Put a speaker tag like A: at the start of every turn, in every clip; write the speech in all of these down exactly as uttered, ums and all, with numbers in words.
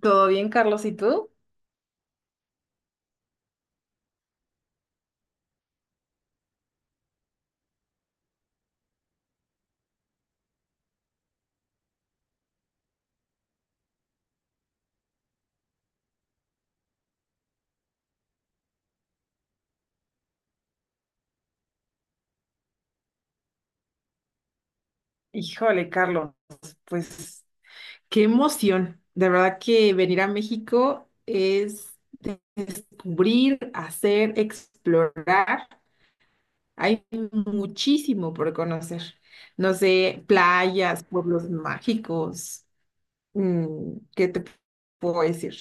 A: ¿Todo bien, Carlos? ¿Y tú? Híjole, Carlos, pues qué emoción. De verdad que venir a México es de- descubrir, hacer, explorar. Hay muchísimo por conocer. No sé, playas, pueblos mágicos. mm, ¿qué te puedo decir?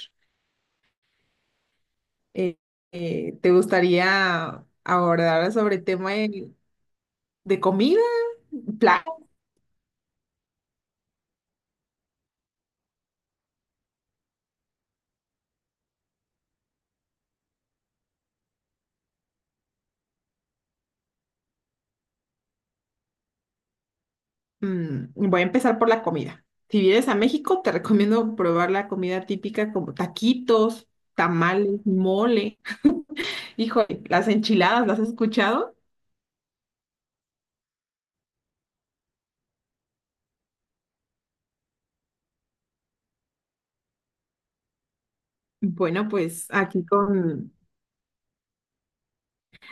A: Eh, eh, ¿te gustaría abordar sobre el tema de, de comida? Mm, voy a empezar por la comida. Si vienes a México, te recomiendo probar la comida típica como taquitos, tamales, mole. Híjole, las enchiladas, ¿las has escuchado? Bueno, pues aquí con,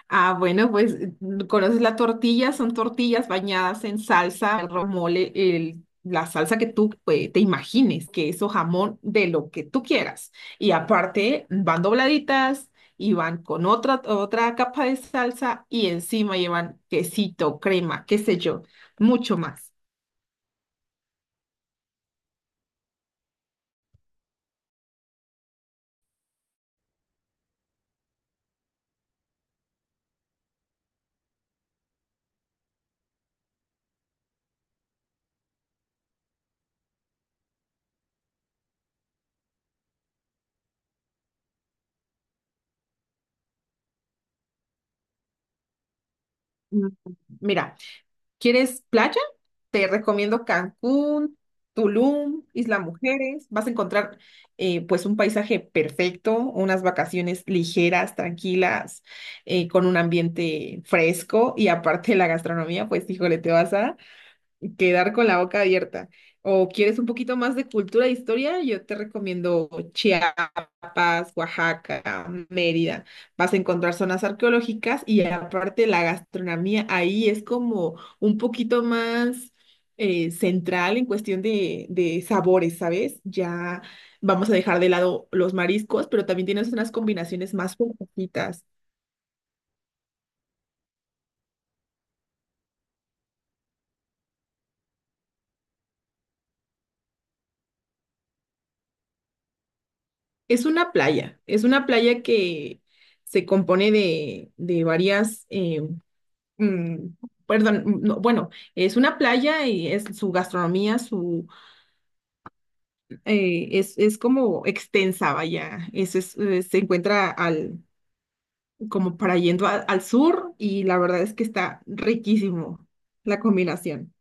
A: ah, bueno, pues mm, conoces la tortilla, son tortillas bañadas en salsa, el romole, el, la salsa que tú eh, te imagines, queso, jamón, de lo que tú quieras. Y aparte van dobladitas y van con otra, otra capa de salsa y encima llevan quesito, crema, qué sé yo, mucho más. Mm, mira, ¿quieres playa? Te recomiendo Cancún, Tulum, Isla Mujeres. Vas a encontrar eh, pues un paisaje perfecto, unas vacaciones ligeras, tranquilas, eh, con un ambiente fresco y aparte la gastronomía, pues híjole, te vas a quedar con la boca abierta. O quieres un poquito más de cultura e historia, yo te recomiendo Chiapas, Oaxaca, Mérida. Vas a encontrar zonas arqueológicas y aparte la gastronomía ahí es como un poquito más eh, central en cuestión de, de sabores, ¿sabes? Ya vamos a dejar de lado los mariscos, pero también tienes unas combinaciones más poquitas. Es una playa, es una playa que se compone de, de varias em, mm, perdón, mm, no, bueno, es una playa y es su gastronomía, su eh, es, es como extensa, vaya, es, es, eh, se encuentra al como para yendo a- al sur y la verdad es que está riquísimo la combinación.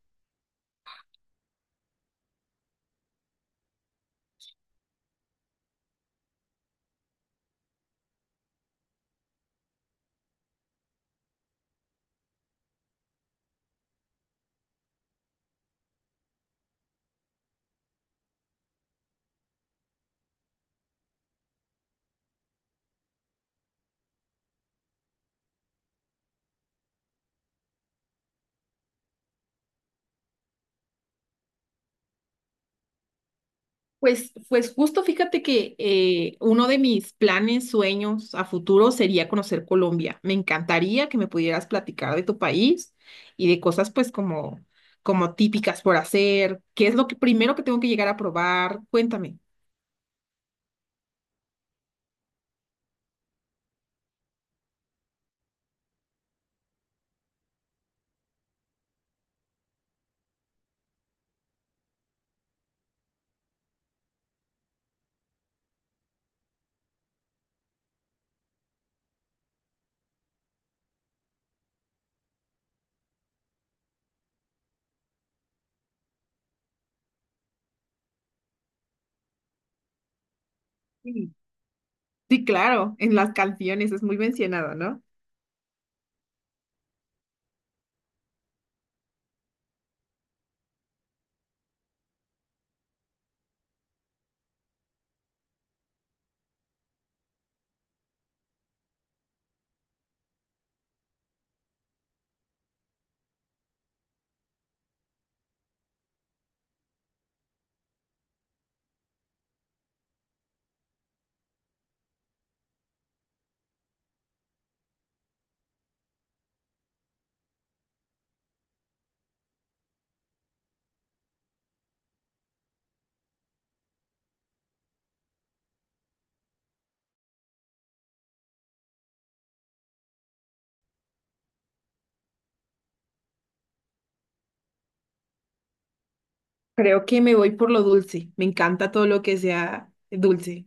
A: Pues, pues justo fíjate que eh, uno de mis planes, sueños a futuro sería conocer Colombia. Me encantaría que me pudieras platicar de tu país y de cosas pues como, como típicas por hacer. ¿Qué es lo que primero que tengo que llegar a probar? Cuéntame. Sí, sí, claro, en las canciones es muy mencionado, ¿no? Creo que me voy por lo dulce. Me encanta todo lo que sea dulce.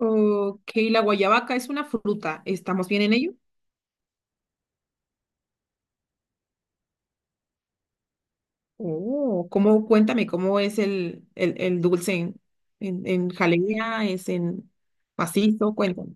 A: Ok, la guayabaca es una fruta. ¿Estamos bien en ello? Oh, ¿cómo, cuéntame, cómo es el, el, el dulce en, en, en jalea, es en macizo? Cuéntame.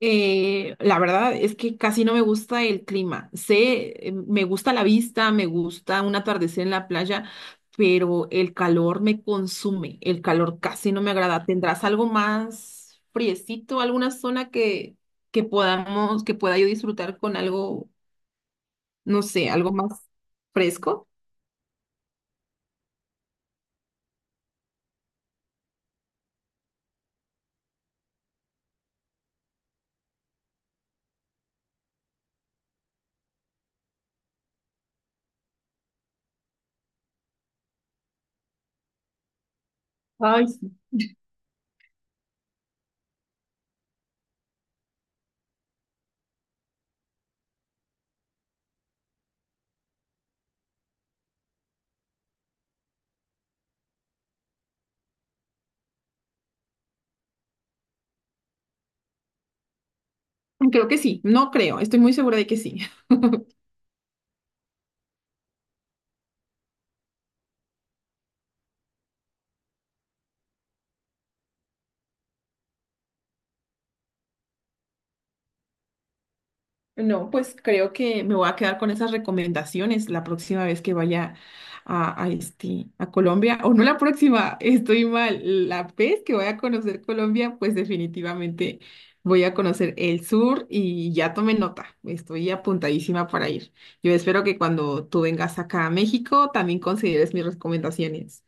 A: Eh, la verdad es que casi no me gusta el clima. Sé, eh, me gusta la vista, me gusta un atardecer en la playa, pero el calor me consume. El calor casi no me agrada. ¿Tendrás algo más friecito, alguna zona que, que podamos, que pueda yo disfrutar con algo, no sé, algo más fresco? Ay, creo que sí, no creo, estoy muy segura de que sí. No, pues creo que me voy a quedar con esas recomendaciones la próxima vez que vaya a, a, este, a Colombia, o no la próxima, estoy mal, la vez que voy a conocer Colombia, pues definitivamente voy a conocer el sur y ya tomé nota, estoy apuntadísima para ir. Yo espero que cuando tú vengas acá a México también consideres mis recomendaciones.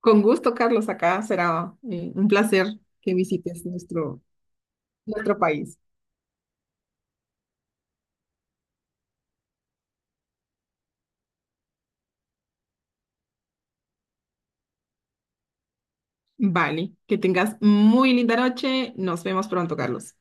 A: Con gusto, Carlos, acá será eh, un placer que visites nuestro... nuestro país. Vale, que tengas muy linda noche. Nos vemos pronto, Carlos.